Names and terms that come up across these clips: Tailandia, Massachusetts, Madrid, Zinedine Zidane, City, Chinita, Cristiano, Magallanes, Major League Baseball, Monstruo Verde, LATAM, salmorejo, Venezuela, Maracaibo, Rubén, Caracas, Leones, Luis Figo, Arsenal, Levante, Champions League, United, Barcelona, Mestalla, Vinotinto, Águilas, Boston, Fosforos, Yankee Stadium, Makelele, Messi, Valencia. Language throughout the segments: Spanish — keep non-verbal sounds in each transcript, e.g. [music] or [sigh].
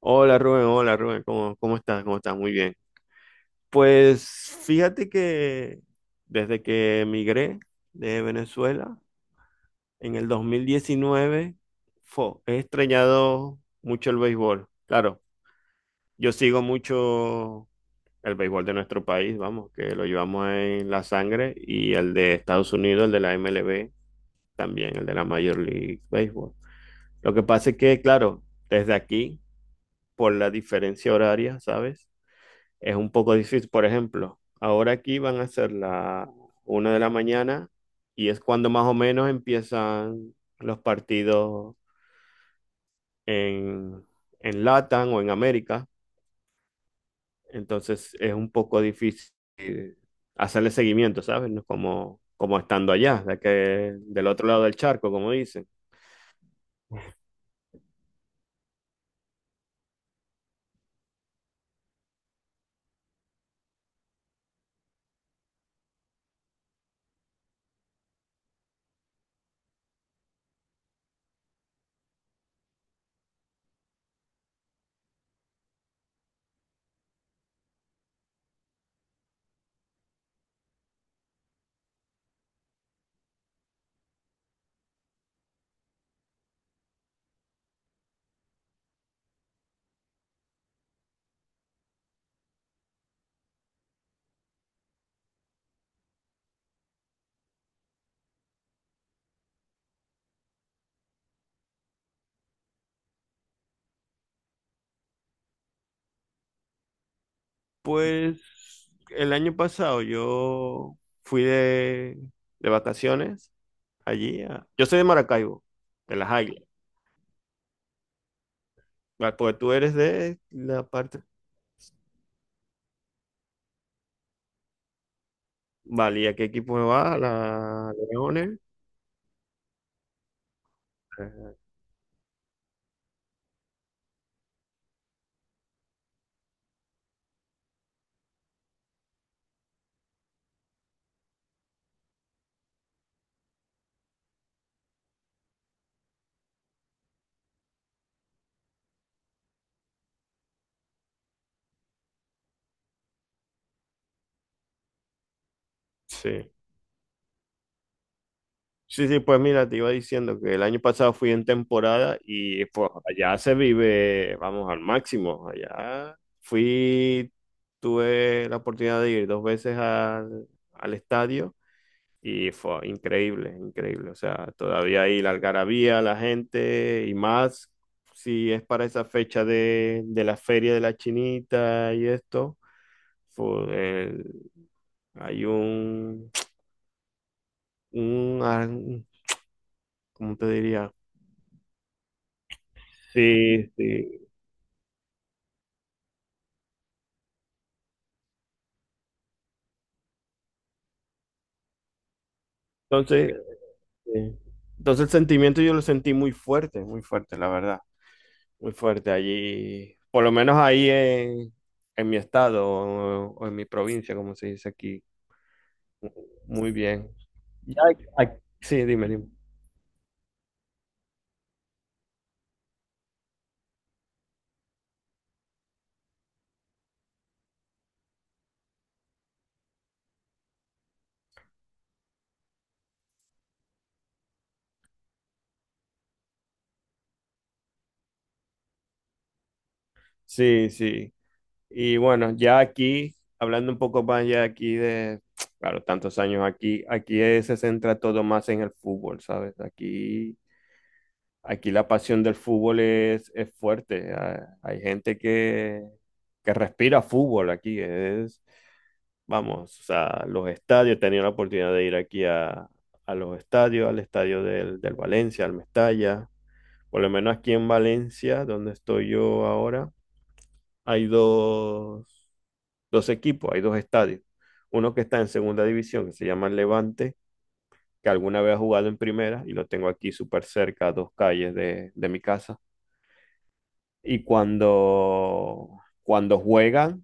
Hola Rubén, ¿cómo estás? ¿Cómo estás? Muy bien. Pues fíjate que desde que emigré de Venezuela en el 2019 he extrañado mucho el béisbol. Claro, yo sigo mucho el béisbol de nuestro país, vamos, que lo llevamos en la sangre, y el de Estados Unidos, el de la MLB, también el de la Major League Baseball. Lo que pasa es que, claro, desde aquí, por la diferencia horaria, ¿sabes? Es un poco difícil, por ejemplo, ahora aquí van a ser la una de la mañana y es cuando más o menos empiezan los partidos en, en LATAM o en América. Entonces es un poco difícil hacerle seguimiento, ¿sabes? No es como, como estando allá, del otro lado del charco, como dicen. Pues el año pasado yo fui de vacaciones allí. Yo soy de Maracaibo, de las Águilas. Vale, pues tú eres de la parte. Vale, ¿y a qué equipo me va? ¿La Leones? Ajá, sí. Sí, sí, pues mira, te iba diciendo que el año pasado fui en temporada y pues allá se vive, vamos, al máximo. Allá fui, tuve la oportunidad de ir dos veces al estadio. Y fue increíble, increíble. O sea, todavía ahí la algarabía, la gente y más si es para esa fecha de la feria de la Chinita y esto. fue el- Hay un, ¿cómo te diría? Sí, sí. Entonces, eh, entonces el sentimiento yo lo sentí muy fuerte, la verdad. Muy fuerte allí, por lo menos en mi estado o en mi provincia, como se dice aquí. Muy bien. Ya hay- hay- sí, dime, dime. Sí, sí. Y bueno, ya aquí, hablando un poco más ya aquí de, claro, tantos años aquí, se centra todo más en el fútbol, ¿sabes? Aquí, aquí la pasión del fútbol es fuerte. Ah, hay gente que respira fútbol aquí. Es, vamos, o sea, los estadios, he tenido la oportunidad de ir a los estadios, al estadio del Valencia, al Mestalla. Por lo menos aquí en Valencia, donde estoy yo ahora. hay dos, Dos equipos, hay dos estadios. Uno que está en segunda división, que se llama el Levante, que alguna vez ha jugado en primera y lo tengo aquí súper cerca, a dos calles de mi casa. Y cuando juegan,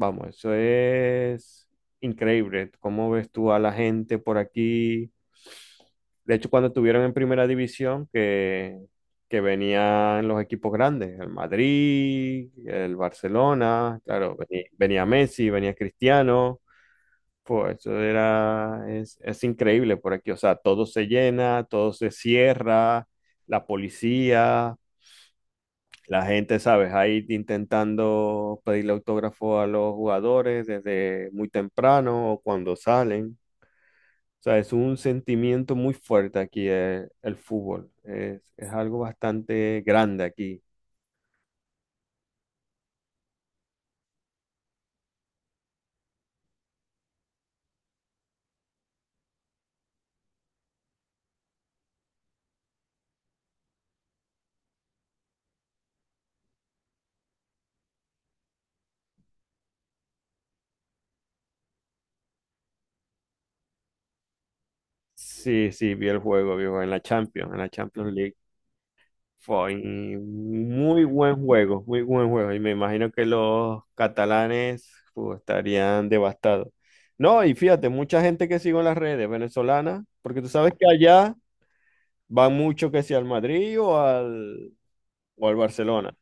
vamos, eso es increíble. ¿Cómo ves tú a la gente por aquí? De hecho, cuando estuvieron en primera división, que venían los equipos grandes, el Madrid, el Barcelona, claro, venía Messi, venía Cristiano, pues eso es increíble por aquí, o sea, todo se llena, todo se cierra, la policía. La gente, ¿sabes? Ahí intentando pedirle autógrafo a los jugadores desde muy temprano o cuando salen. O sea, es un sentimiento muy fuerte aquí el fútbol. Es algo bastante grande aquí. Sí, sí, vi el juego, viejo, en la Champions League. Fue muy buen juego, muy buen juego. Y me imagino que los catalanes pues, estarían devastados. No, y fíjate, mucha gente que sigo en las redes venezolanas, porque tú sabes que allá van mucho que si al Madrid o al Barcelona.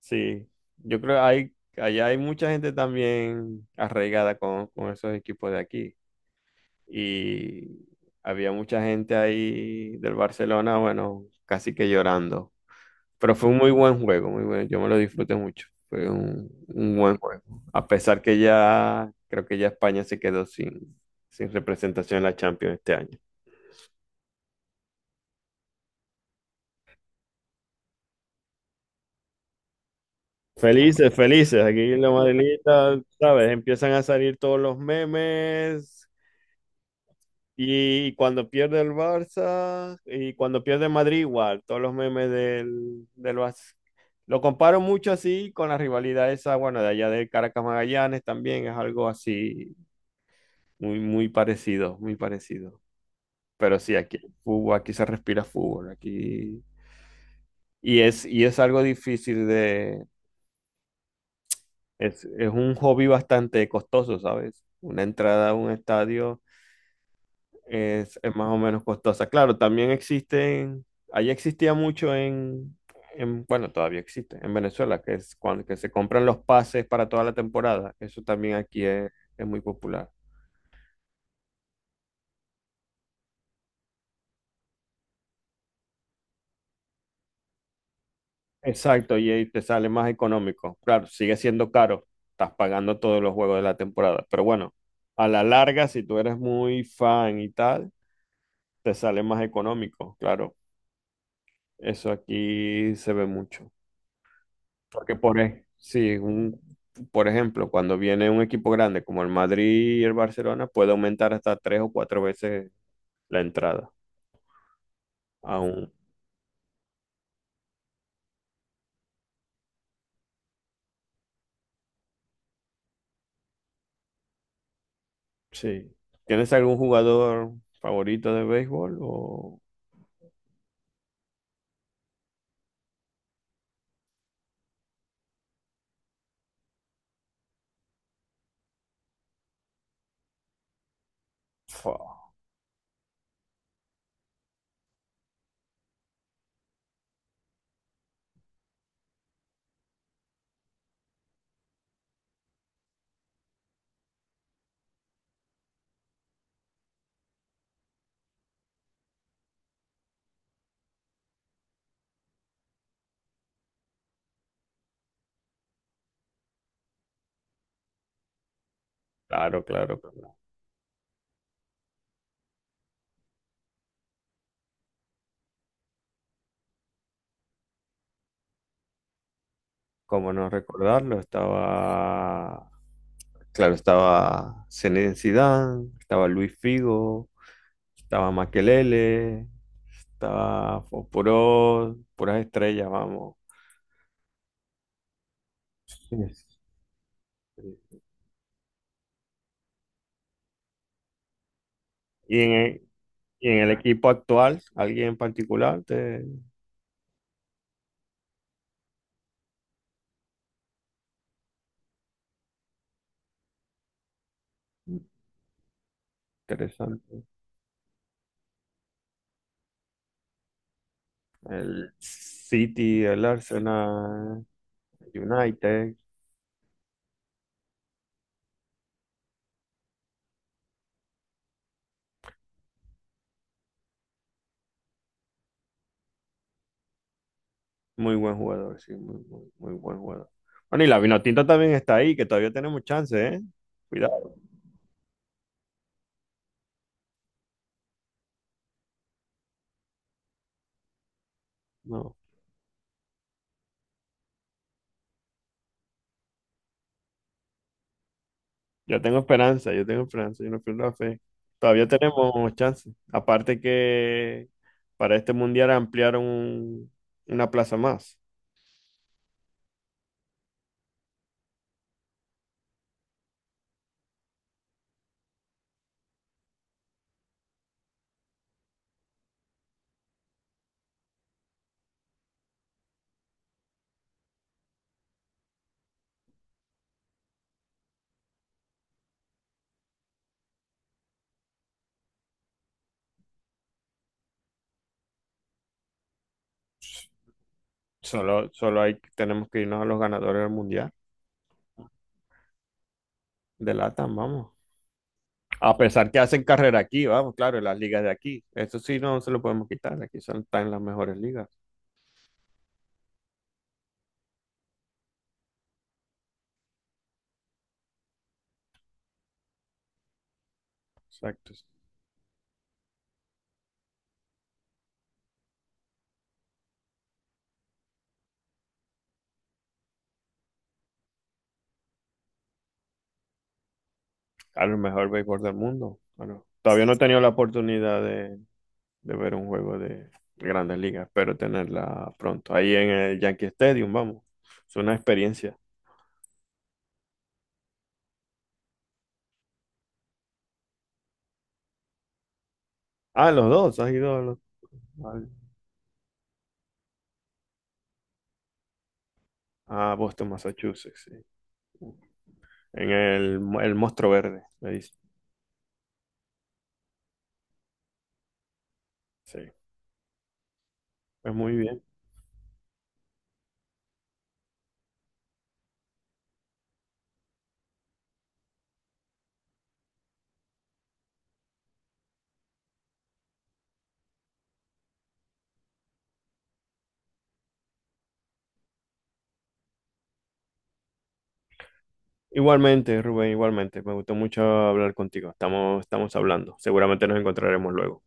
Sí, yo creo que hay, allá hay mucha gente también arraigada con esos equipos de aquí. Y había mucha gente ahí del Barcelona, bueno, casi que llorando. Pero fue un muy buen juego, muy bueno. Yo me lo disfruté mucho. Fue un buen juego. A pesar que ya, creo que ya España se quedó sin representación en la Champions este año. Felices, felices. Aquí en la Madelita, ¿sabes? Empiezan a salir todos los memes. Y cuando pierde el Barça, y cuando pierde Madrid, igual, todos los memes del Barça. Lo comparo mucho así con la rivalidad esa, bueno, de allá de Caracas Magallanes también es algo así muy, muy parecido, muy parecido. Pero sí, aquí hay fútbol, aquí se respira fútbol, aquí. Y es algo difícil de. Es un hobby bastante costoso, ¿sabes? Una entrada a un estadio es más o menos costosa. Claro, también existen, allí existía mucho en, bueno, todavía existe, en Venezuela, que es cuando que se compran los pases para toda la temporada. Eso también aquí es muy popular. Exacto, y ahí te sale más económico. Claro, sigue siendo caro, estás pagando todos los juegos de la temporada, pero bueno, a la larga, si tú eres muy fan y tal, te sale más económico, claro. Eso aquí se ve mucho. Porque sí, por ejemplo, cuando viene un equipo grande como el Madrid y el Barcelona, puede aumentar hasta tres o cuatro veces la entrada. Aún, sí. ¿Tienes algún jugador favorito de béisbol? O... Fua, claro, claro, claro. Cómo no recordarlo, estaba, claro, estaba Zinedine Zidane, estaba Luis Figo. Estaba Makelele, estaba Fosforos, puras estrellas, vamos. Yes. Y en el, y en el equipo actual, alguien en particular, te- interesante. El City, el Arsenal, United, muy buen jugador, sí, muy, muy, muy buen jugador. Bueno, y la Vinotinto también está ahí, que todavía tenemos chance, ¿eh? Cuidado. No. Yo tengo esperanza, yo tengo esperanza, yo no pierdo la fe. Todavía tenemos chance. Aparte que para este mundial ampliaron una plaza más. Tenemos que irnos a los ganadores del mundial de LATAM, vamos. A pesar que hacen carrera aquí, vamos, claro, en las ligas de aquí. Eso sí no se lo podemos quitar. Aquí son, están las mejores ligas. Exacto. Claro, el mejor béisbol del mundo. Bueno, todavía no he tenido la oportunidad de ver un juego de Grandes Ligas. Espero tenerla pronto. Ahí en el Yankee Stadium, vamos. Es una experiencia. Ah, los dos. Has ido a, los- al- A Boston, Massachusetts. Sí. El Monstruo Verde, me dice. Sí, pues muy bien. Igualmente, Rubén, igualmente. Me gustó mucho hablar contigo. Estamos, estamos hablando. Seguramente nos encontraremos luego.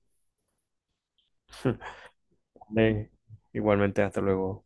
[laughs] Vale. Igualmente, hasta luego.